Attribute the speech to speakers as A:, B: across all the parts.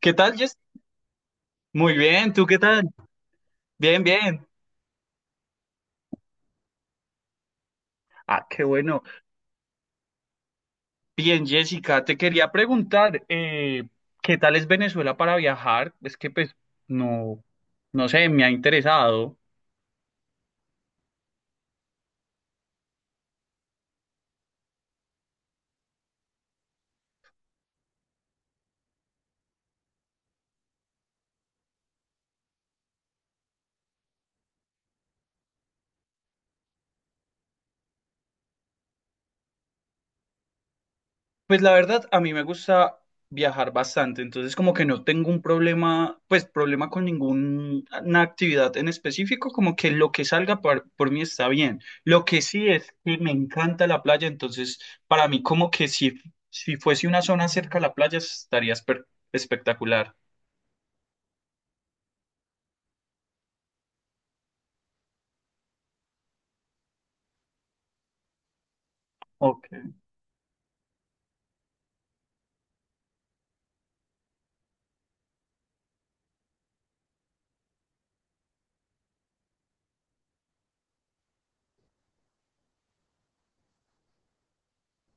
A: ¿Qué tal, Jess? Muy bien, ¿tú qué tal? Bien, bien. Ah, qué bueno. Bien, Jessica, te quería preguntar, ¿qué tal es Venezuela para viajar? Es que pues no, no sé, me ha interesado. Pues la verdad, a mí me gusta viajar bastante, entonces como que no tengo un problema, pues problema con ninguna actividad en específico, como que lo que salga por mí está bien. Lo que sí es que me encanta la playa, entonces para mí como que si, si fuese una zona cerca a la playa estaría espectacular. Ok,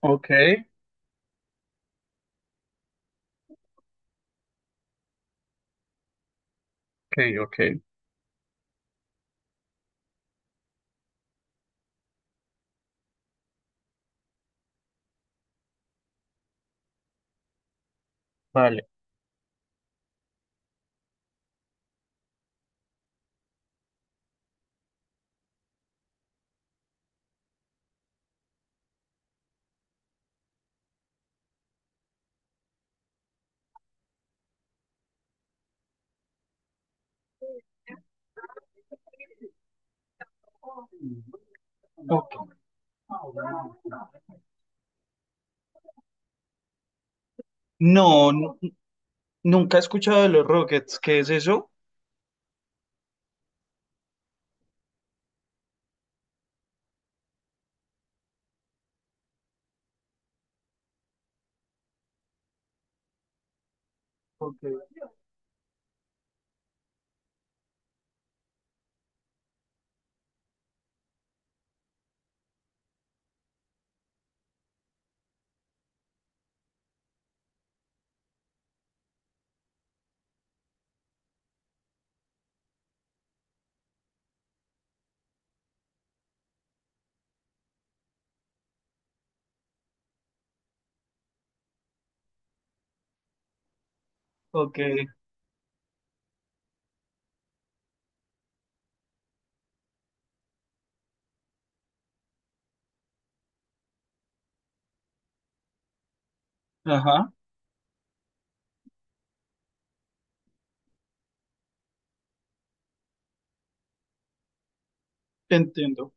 A: ok, ok, ok, vale. Ok. No, nunca he escuchado de los Rockets, ¿qué es eso? Ok. Ok. Ajá, te entiendo.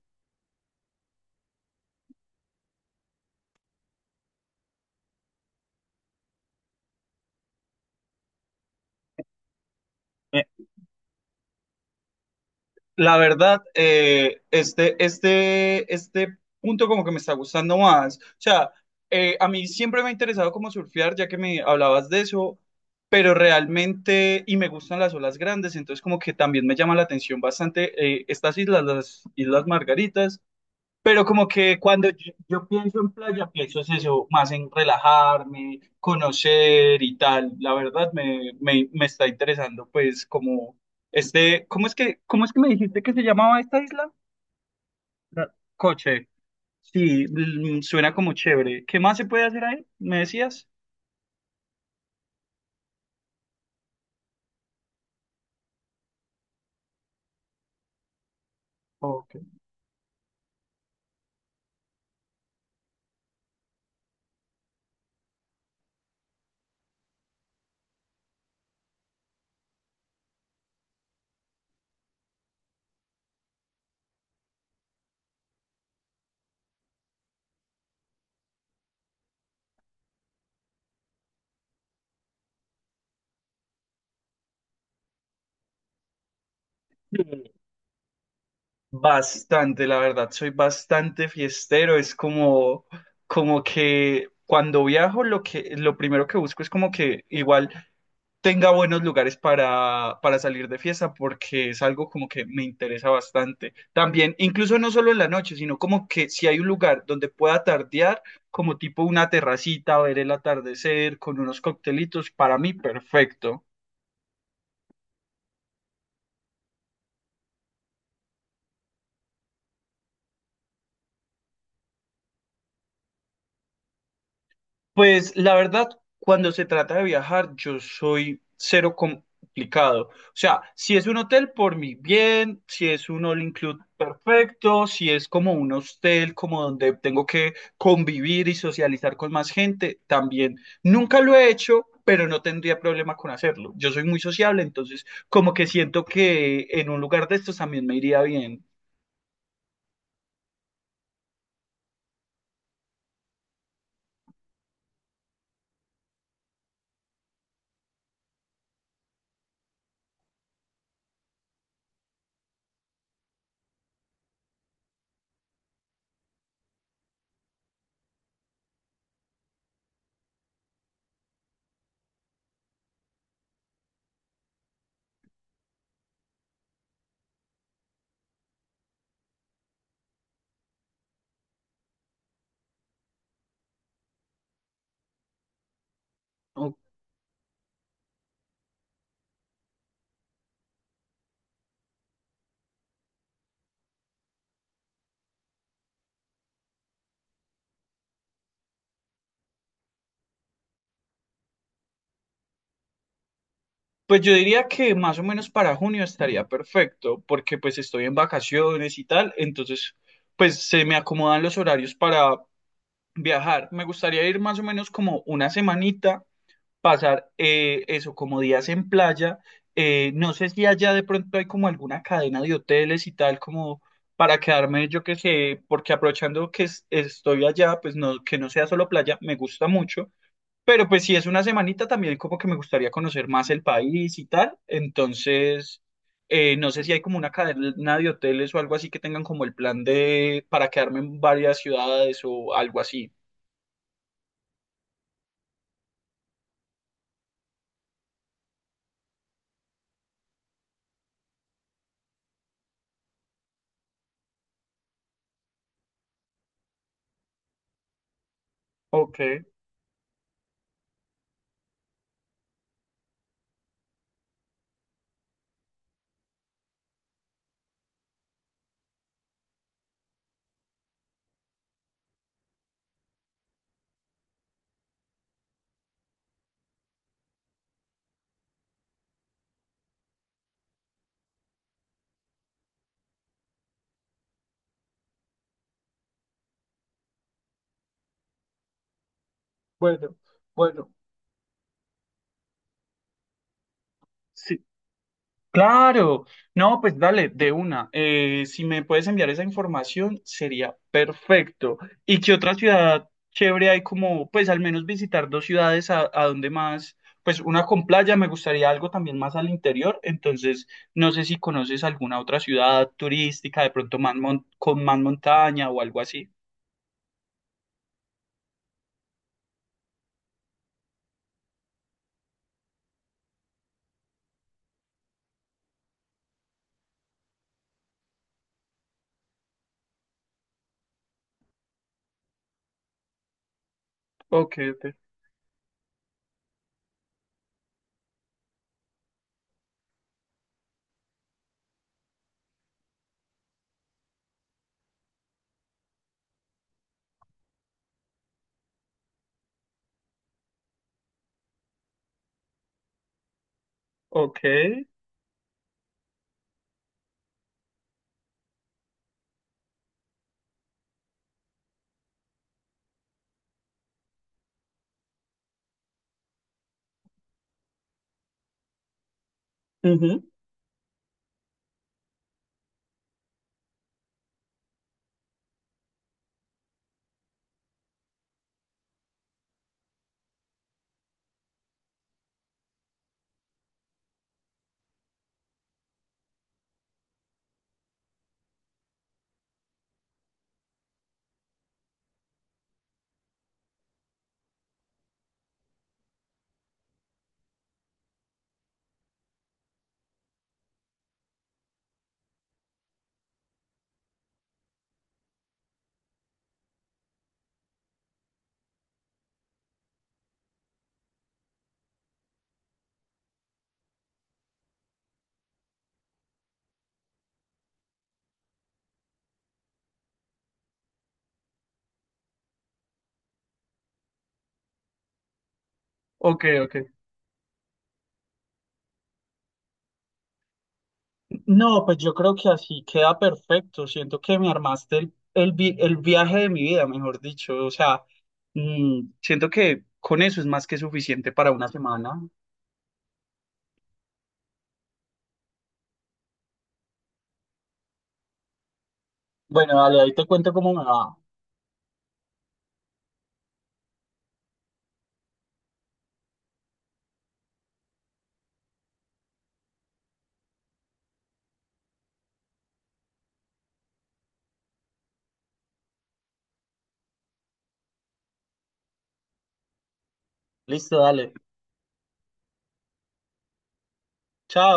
A: Eh, La verdad, este punto como que me está gustando más. O sea, a mí siempre me ha interesado como surfear, ya que me hablabas de eso, pero realmente, y me gustan las olas grandes, entonces como que también me llama la atención bastante estas islas, las Islas Margaritas. Pero como que cuando yo pienso en playa, pienso es eso, más en relajarme, conocer y tal. La verdad me está interesando, pues, como este, cómo es que me dijiste que se llamaba esta isla? Coche. Sí, mm, suena como chévere. ¿Qué más se puede hacer ahí? ¿Me decías? Ok. Sí. Bastante, la verdad, soy bastante fiestero. Es como, como que cuando viajo, lo que, lo primero que busco es como que igual tenga buenos lugares para salir de fiesta, porque es algo como que me interesa bastante. También, incluso no solo en la noche, sino como que si hay un lugar donde pueda tardear, como tipo una terracita, ver el atardecer con unos coctelitos, para mí perfecto. Pues la verdad, cuando se trata de viajar, yo soy cero complicado. O sea, si es un hotel, por mi bien, si es un all include, perfecto, si es como un hostel, como donde tengo que convivir y socializar con más gente, también. Nunca lo he hecho, pero no tendría problema con hacerlo. Yo soy muy sociable, entonces como que siento que en un lugar de estos también me iría bien. ¿No? Pues yo diría que más o menos para junio estaría perfecto, porque pues estoy en vacaciones y tal, entonces pues se me acomodan los horarios para viajar. Me gustaría ir más o menos como una semanita, pasar eso como días en playa. No sé si allá de pronto hay como alguna cadena de hoteles y tal como para quedarme, yo qué sé, porque aprovechando que estoy allá, pues no, que no sea solo playa, me gusta mucho. Pero pues si es una semanita también como que me gustaría conocer más el país y tal. Entonces, no sé si hay como una cadena de hoteles o algo así que tengan como el plan de para quedarme en varias ciudades o algo así. Ok, bueno, bueno. Sí. Claro, no, pues dale, de una. Si me puedes enviar esa información, sería perfecto. ¿Y qué otra ciudad chévere hay como, pues al menos visitar dos ciudades a donde más, pues una con playa, me gustaría algo también más al interior, entonces no sé si conoces alguna otra ciudad turística, de pronto más con más montaña o algo así. Ok, ok. Ok. Ujú. Ok, ok. No, pues yo creo que así queda perfecto. Siento que me armaste el viaje de mi vida, mejor dicho. O sea, mm, siento que con eso es más que suficiente para una semana. Bueno, dale, ahí te cuento cómo me va. Listo, dale. Chao.